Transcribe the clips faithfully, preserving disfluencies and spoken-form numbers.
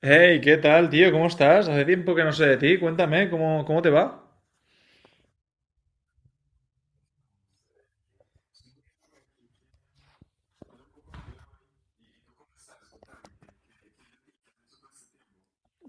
Hey, ¿qué tal, tío? ¿Cómo estás? Hace tiempo que no sé de ti. Cuéntame, ¿cómo, cómo te va?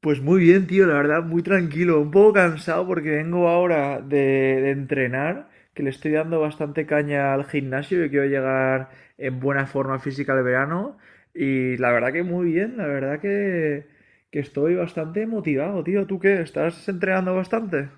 Pues muy bien, tío, la verdad, muy tranquilo, un poco cansado porque vengo ahora de, de entrenar, que le estoy dando bastante caña al gimnasio y quiero llegar en buena forma física al verano. Y la verdad que muy bien, la verdad que, que estoy bastante motivado, tío. ¿Tú qué? ¿Estás entrenando bastante?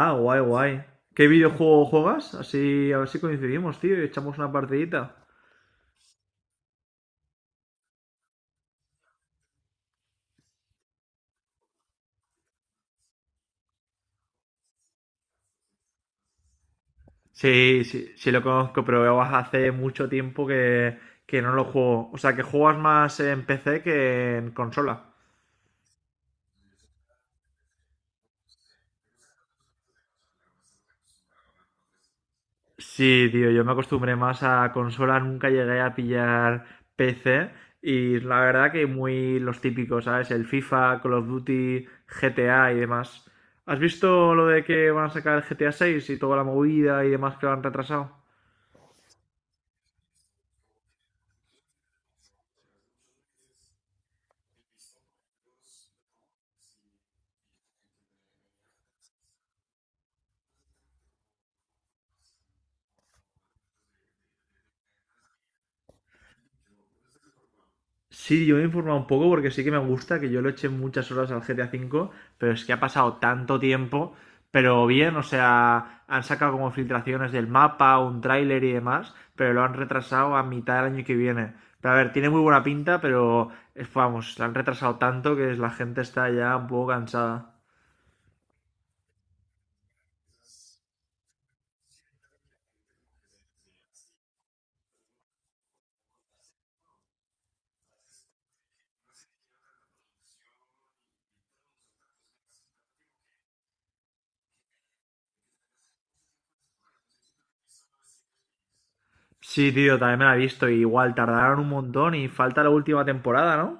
Ah, guay, guay. ¿Qué videojuego juegas? Así, a ver si coincidimos, tío, y echamos una partidita. Sí, sí, sí lo conozco, pero hace mucho tiempo que, que no lo juego. O sea, que juegas más en P C que en consola. Sí, tío, yo me acostumbré más a consola, nunca llegué a pillar P C y la verdad que muy los típicos, ¿sabes? El FIFA, Call of Duty, G T A y demás. ¿Has visto lo de que van a sacar el G T A seis y toda la movida y demás que lo han retrasado? Sí, yo me he informado un poco porque sí que me gusta, que yo lo eché muchas horas al G T A cinco V, pero es que ha pasado tanto tiempo, pero bien, o sea, han sacado como filtraciones del mapa, un tráiler y demás, pero lo han retrasado a mitad del año que viene. Pero a ver, tiene muy buena pinta, pero es- vamos, lo han retrasado tanto que la gente está ya un poco cansada. Sí, tío, también me la he visto, y igual tardaron un montón y falta la última temporada, ¿no?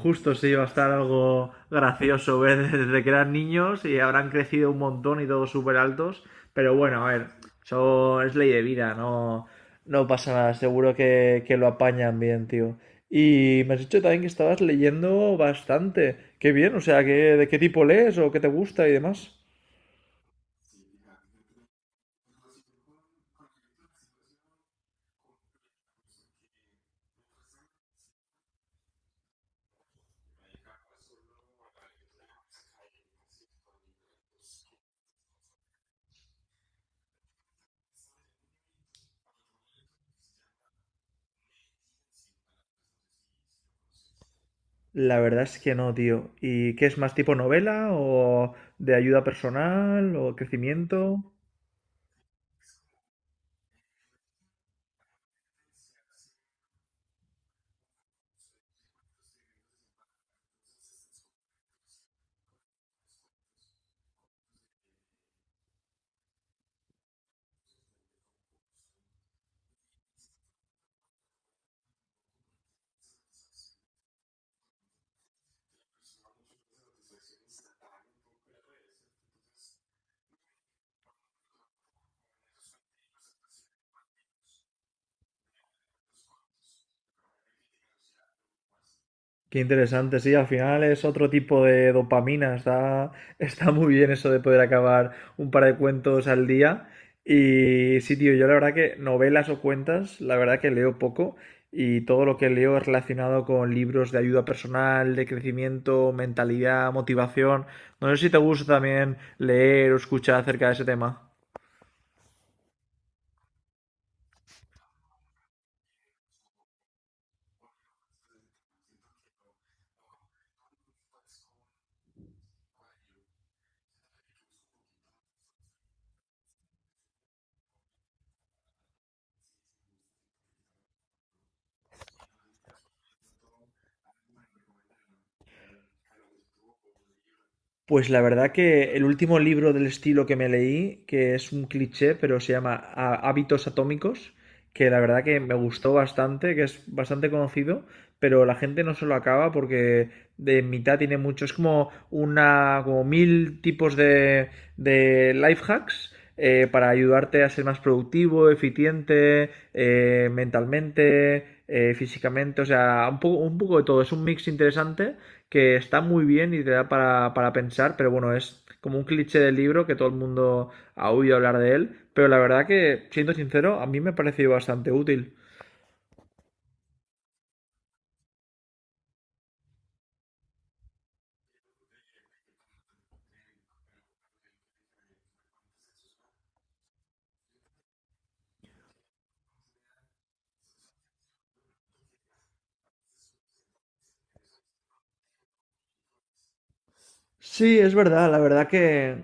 Justo sí, va a estar algo gracioso ver desde que eran niños y habrán crecido un montón y todos súper altos. Pero bueno, a ver, eso es ley de vida, no, no pasa nada, seguro que, que lo apañan bien, tío. Y me has dicho también que estabas leyendo bastante. Qué bien, o sea, ¿qué, de qué tipo lees o qué te gusta y demás? La verdad es que no, tío. ¿Y qué es más tipo novela o de ayuda personal o crecimiento? Qué interesante, sí, al final es otro tipo de dopamina, está, está muy bien eso de poder acabar un par de cuentos al día. Y sí, tío, yo la verdad que novelas o cuentas, la verdad que leo poco y todo lo que leo es relacionado con libros de ayuda personal, de crecimiento, mentalidad, motivación. No sé si te gusta también leer o escuchar acerca de ese tema. Pues la verdad que el último libro del estilo que me leí, que es un cliché, pero se llama Há- Hábitos Atómicos, que la verdad que me gustó bastante, que es bastante conocido, pero la gente no se lo acaba porque de mitad tiene mucho, es como una, como mil tipos de, de life hacks eh, para ayudarte a ser más productivo, eficiente, eh, mentalmente, eh, físicamente, o sea, un poco, un poco de todo, es un mix interesante que está muy bien y te da para, para pensar, pero bueno, es como un cliché del libro que todo el mundo ha oído hablar de él, pero la verdad que, siendo sincero, a mí me ha parecido bastante útil. Sí, es verdad, la verdad que...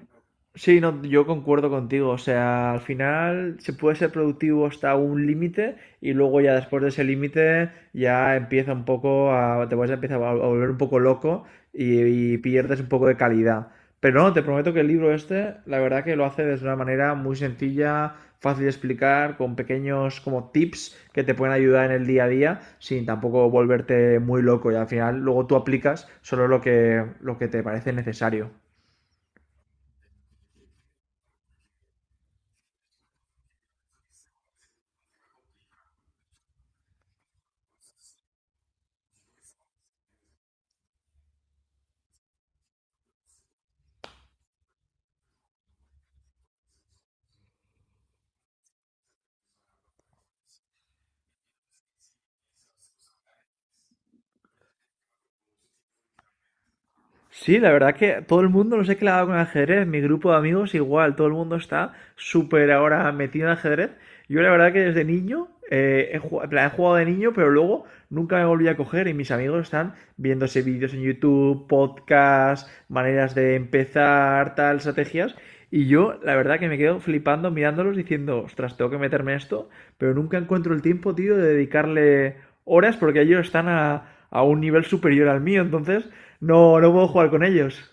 Sí, no, yo concuerdo contigo, o sea, al final se puede ser productivo hasta un límite y luego ya después de ese límite ya empieza un poco a... te vas a empezar a vol- a volver un poco loco y, y pierdes un poco de calidad. Pero no, te prometo que el libro este, la verdad que lo hace de una manera muy sencilla, fácil de explicar, con pequeños como tips que te pueden ayudar en el día a día, sin tampoco volverte muy loco y al final luego tú aplicas solo lo que, lo que te parece necesario. Sí, la verdad que todo el mundo, no sé qué le ha dado con el ajedrez, mi grupo de amigos igual, todo el mundo está súper ahora metido en ajedrez. Yo la verdad que desde niño, eh, he jugado, en plan, he jugado de niño, pero luego nunca me volví a coger y mis amigos están viéndose vídeos en YouTube, podcasts, maneras de empezar, tal, estrategias. Y yo la verdad que me quedo flipando mirándolos diciendo, ostras, tengo que meterme en esto, pero nunca encuentro el tiempo, tío, de dedicarle horas porque ellos están a, a un nivel superior al mío. Entonces, no, no puedo jugar con ellos.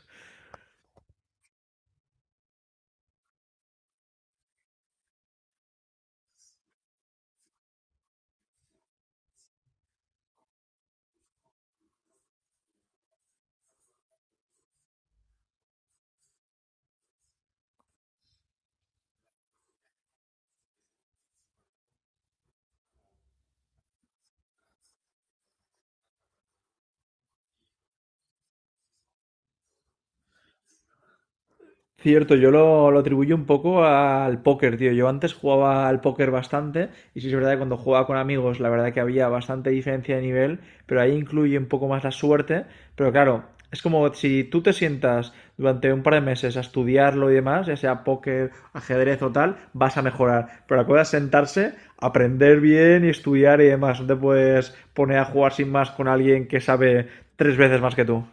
Cierto, yo lo, lo atribuyo un poco al póker, tío. Yo antes jugaba al póker bastante, y sí es verdad que cuando jugaba con amigos, la verdad que había bastante diferencia de nivel, pero ahí incluye un poco más la suerte. Pero claro, es como si tú te sientas durante un par de meses a estudiarlo y demás, ya sea póker, ajedrez o tal, vas a mejorar. Pero la cosa es sentarse, aprender bien y estudiar y demás. No te puedes poner a jugar sin más con alguien que sabe tres veces más que tú.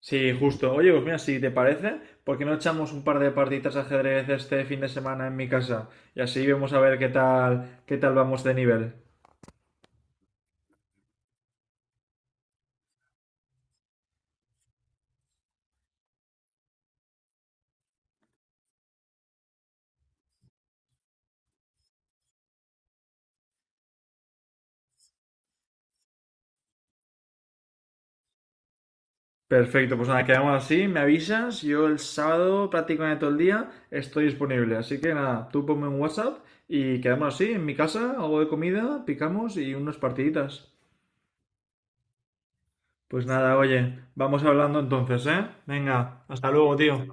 Sí, justo. Oye, pues mira, si te parece, ¿por qué no echamos un par de partiditas de ajedrez este fin de semana en mi casa? Y así vemos a ver qué tal, qué tal vamos de nivel. Perfecto, pues nada, quedamos así, me avisas, yo el sábado prácticamente todo el día estoy disponible, así que nada, tú ponme un WhatsApp y quedamos así, en mi casa, algo de comida, picamos y unas partiditas. Pues nada, oye, vamos hablando entonces, ¿eh? Venga, hasta luego, tío.